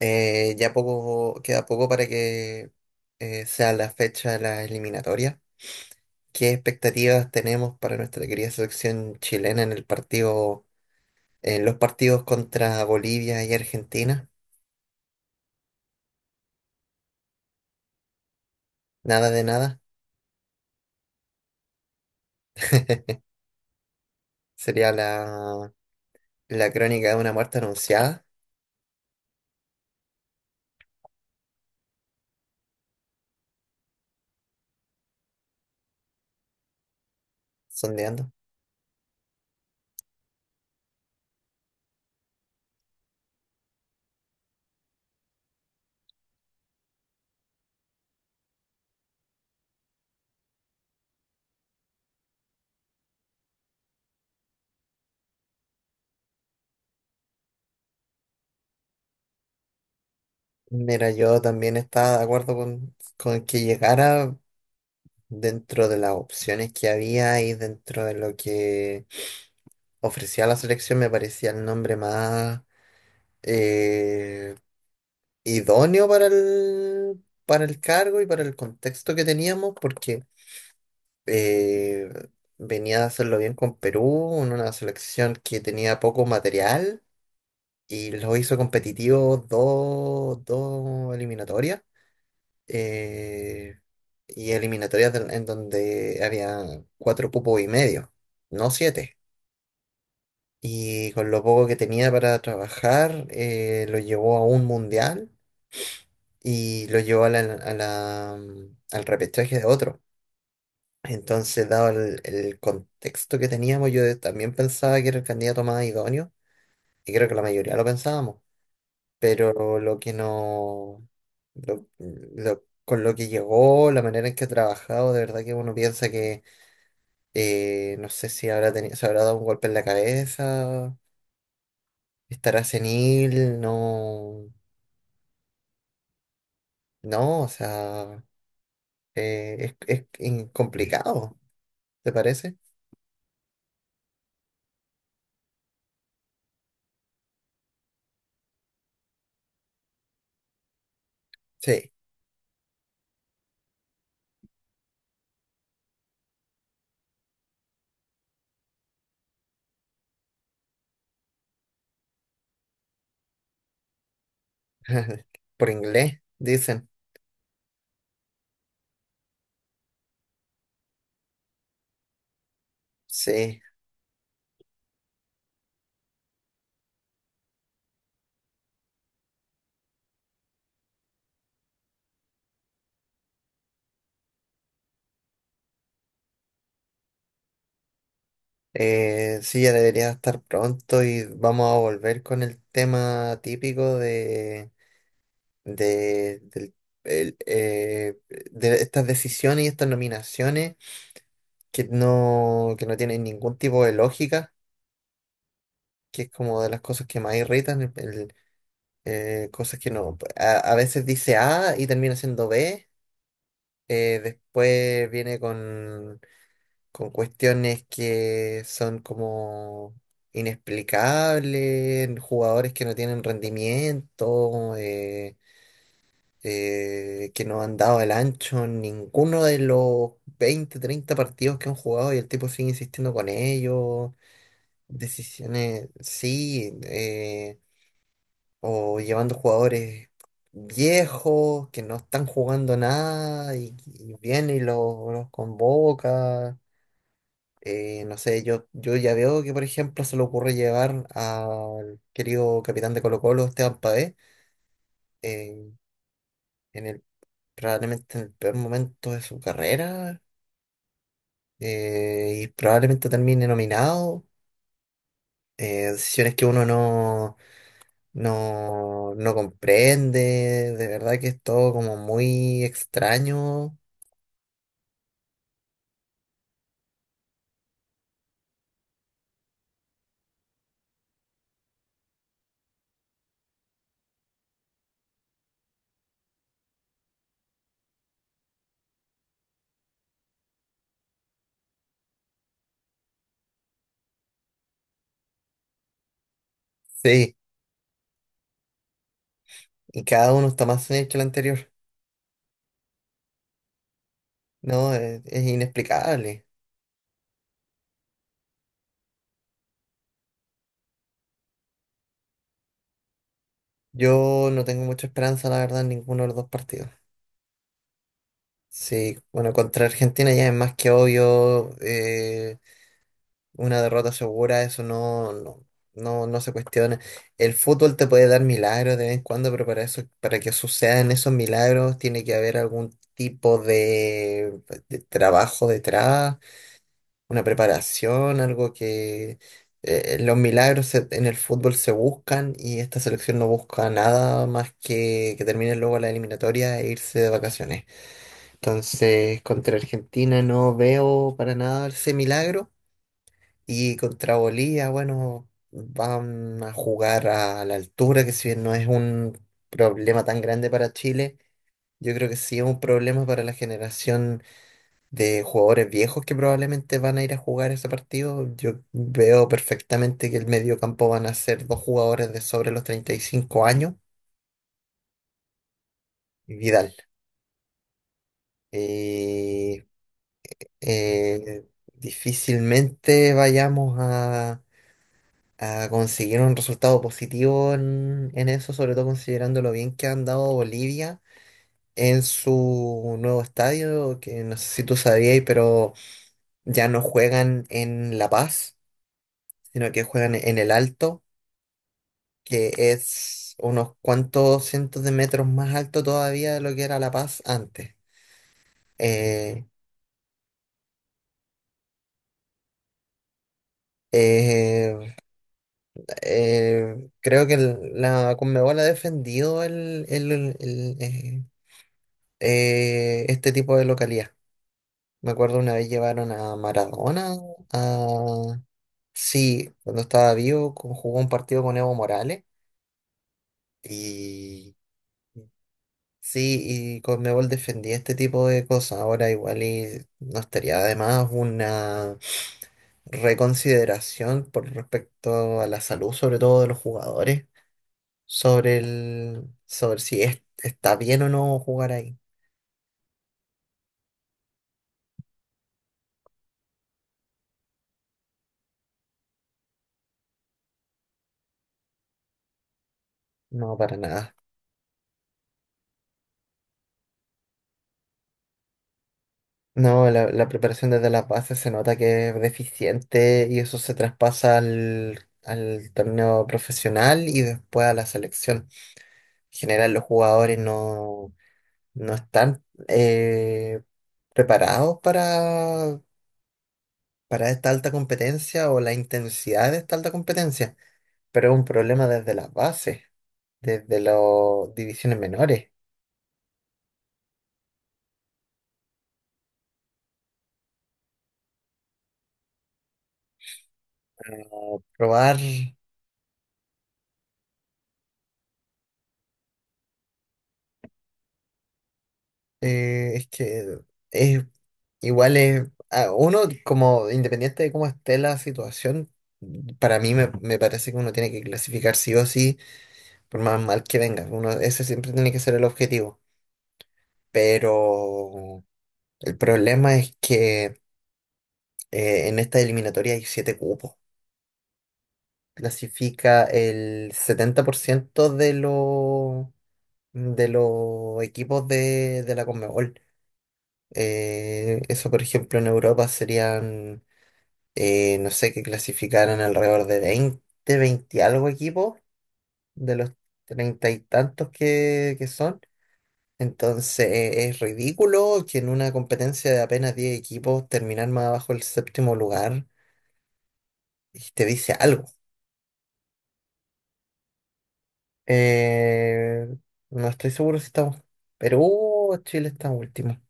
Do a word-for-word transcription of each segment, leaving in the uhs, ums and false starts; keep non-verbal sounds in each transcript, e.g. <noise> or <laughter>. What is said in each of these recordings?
Eh, ya poco, queda poco para que eh, sea la fecha de la eliminatoria. ¿Qué expectativas tenemos para nuestra querida selección chilena en el partido, en los partidos contra Bolivia y Argentina? Nada de nada. <laughs> Sería la, la crónica de una muerte anunciada. Sondeando. Mira, yo también estaba de acuerdo con, con que llegara dentro de las opciones que había y dentro de lo que ofrecía la selección. Me parecía el nombre más eh, idóneo para el, para el cargo y para el contexto que teníamos, porque eh, venía a hacerlo bien con Perú, en una selección que tenía poco material y lo hizo competitivo dos, dos eliminatorias. eh, y eliminatorias del- en donde había cuatro cupos y medio, no siete. Y con lo poco que tenía para trabajar, eh, lo llevó a un mundial y lo llevó a la- a la, mm, al repechaje de otro. Entonces, dado el, el contexto que teníamos, yo también pensaba que era el candidato más idóneo, y creo que la mayoría lo pensábamos, pero lo que no, lo- lo- con lo que llegó, la manera en que ha trabajado, de verdad que uno piensa que, eh, no sé si habrá tenido, se habrá dado un golpe en la cabeza, estará senil, no, no, o sea, eh, es, es in- complicado, ¿te parece? Sí. <laughs> Por inglés, dicen. Sí, eh, sí, ya debería estar pronto y vamos a volver con el tema típico de, de, del- el, eh, de estas decisiones y estas nominaciones que no, que no tienen ningún tipo de lógica, que es como de las cosas que más irritan, el- el, eh, cosas que no, a, a veces dice A y termina siendo B. Eh, después viene con... con cuestiones que son como inexplicables, jugadores que no tienen rendimiento, eh, eh, que no han dado el ancho en ninguno de los veinte treinta partidos que han jugado y el tipo sigue insistiendo con ellos, decisiones, sí, eh, o llevando jugadores viejos que no están jugando nada y, y viene y los los convoca. Eh, no sé, yo, yo ya veo que, por ejemplo, se le ocurre llevar al querido capitán de Colo-Colo, Esteban Paez, eh, en el, probablemente en el peor momento de su carrera, eh, y probablemente termine nominado. Eh, decisiones que uno no, no, no comprende, de verdad que es todo como muy extraño. Sí, y cada uno está más en el que el anterior. No, es es inexplicable. Yo no tengo mucha esperanza, la verdad, en ninguno de los dos partidos. Sí, bueno, contra Argentina ya es más que obvio, eh, una derrota segura, eso no, no, no, no se cuestiona. El fútbol te puede dar milagros de vez en cuando, pero para eso, para que sucedan esos milagros, tiene que haber algún tipo de, de trabajo detrás, una preparación, algo que eh, los milagros se- en el fútbol se buscan y esta selección no busca nada más que que termine luego la eliminatoria e irse de vacaciones. Entonces, contra Argentina no veo para nada ese milagro. Y contra Bolivia, bueno, van a jugar a la altura, que si bien no es un problema tan grande para Chile, yo creo que sí es un problema para la generación de jugadores viejos que probablemente van a ir a jugar ese partido. Yo veo perfectamente que el mediocampo van a ser dos jugadores de sobre los treinta y cinco años y Vidal. Eh, eh, Difícilmente vayamos a, a conseguir un resultado positivo en, en eso, sobre todo considerando lo bien que ha andado Bolivia en su nuevo estadio, que no sé si tú sabías, pero ya no juegan en La Paz, sino que juegan en El Alto, que es unos cuantos cientos de metros más alto todavía de lo que era La Paz antes. Eh, eh, eh, Creo que el- la Conmebol ha defendido el, el- el- el, eh, eh, este tipo de localidad. Me acuerdo una vez llevaron a Maradona, a, sí, cuando estaba vivo, co- jugó un partido con Evo Morales y sí, y Conmebol defendía este tipo de cosas. Ahora igual y no estaría además una reconsideración por respecto a la salud, sobre todo de los jugadores, sobre el, sobre si es- está bien o no jugar ahí. No, para nada. No, la, la preparación desde las bases se nota que es deficiente y eso se traspasa al, al torneo profesional y después a la selección. En general, los jugadores no, no están eh, preparados para, para esta alta competencia o la intensidad de esta alta competencia, pero es un problema desde las bases, desde las divisiones menores. No, probar, eh, es que es igual es a uno como independiente de cómo esté la situación, para mí me, me parece que uno tiene que clasificar sí o sí, por más mal que venga. Uno, ese siempre tiene que ser el objetivo. Pero el problema es que eh, en esta eliminatoria hay siete cupos. Clasifica el setenta por ciento de los de los equipos de, de la Conmebol. Eh, eso, por ejemplo, en Europa serían, eh, no sé, que clasificaran alrededor de veinte veinte algo equipos de los treinta y tantos que, que son. Entonces, eh, es ridículo que en una competencia de apenas diez equipos terminar más abajo el séptimo lugar y te dice algo. Eh, no estoy seguro si estamos. Perú o Chile está último.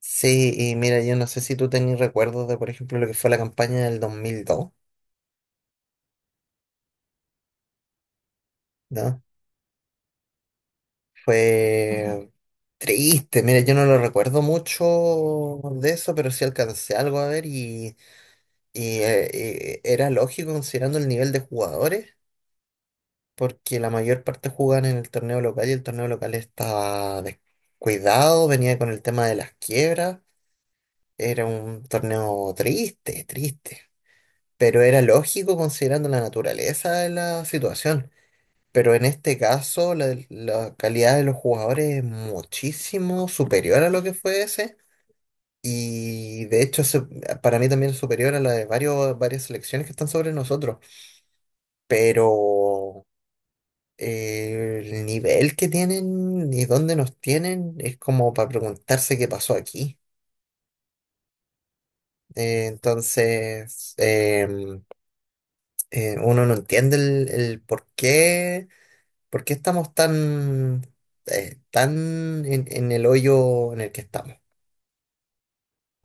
Sí, y mira, yo no sé si tú tenés recuerdos de, por ejemplo, lo que fue la campaña del dos dos mil dos, ¿no? Fue triste. Mira, yo no lo recuerdo mucho de eso, pero sí alcancé algo a ver y, y, eh, eh, era lógico considerando el nivel de jugadores, porque la mayor parte jugaban en el torneo local y el torneo local estaba descuidado, venía con el tema de las quiebras, era un torneo triste, triste, pero era lógico considerando la naturaleza de la situación. Pero en este caso, la, la calidad de los jugadores es muchísimo superior a lo que fue ese. Y de hecho, se- para mí también es superior a la de varios, varias selecciones que están sobre nosotros. Pero eh, el nivel que tienen y dónde nos tienen es como para preguntarse qué pasó aquí. Eh, entonces, em, eh, uno no entiende el, el por qué. ¿Por qué estamos tan, eh, tan en, en el hoyo en el que estamos?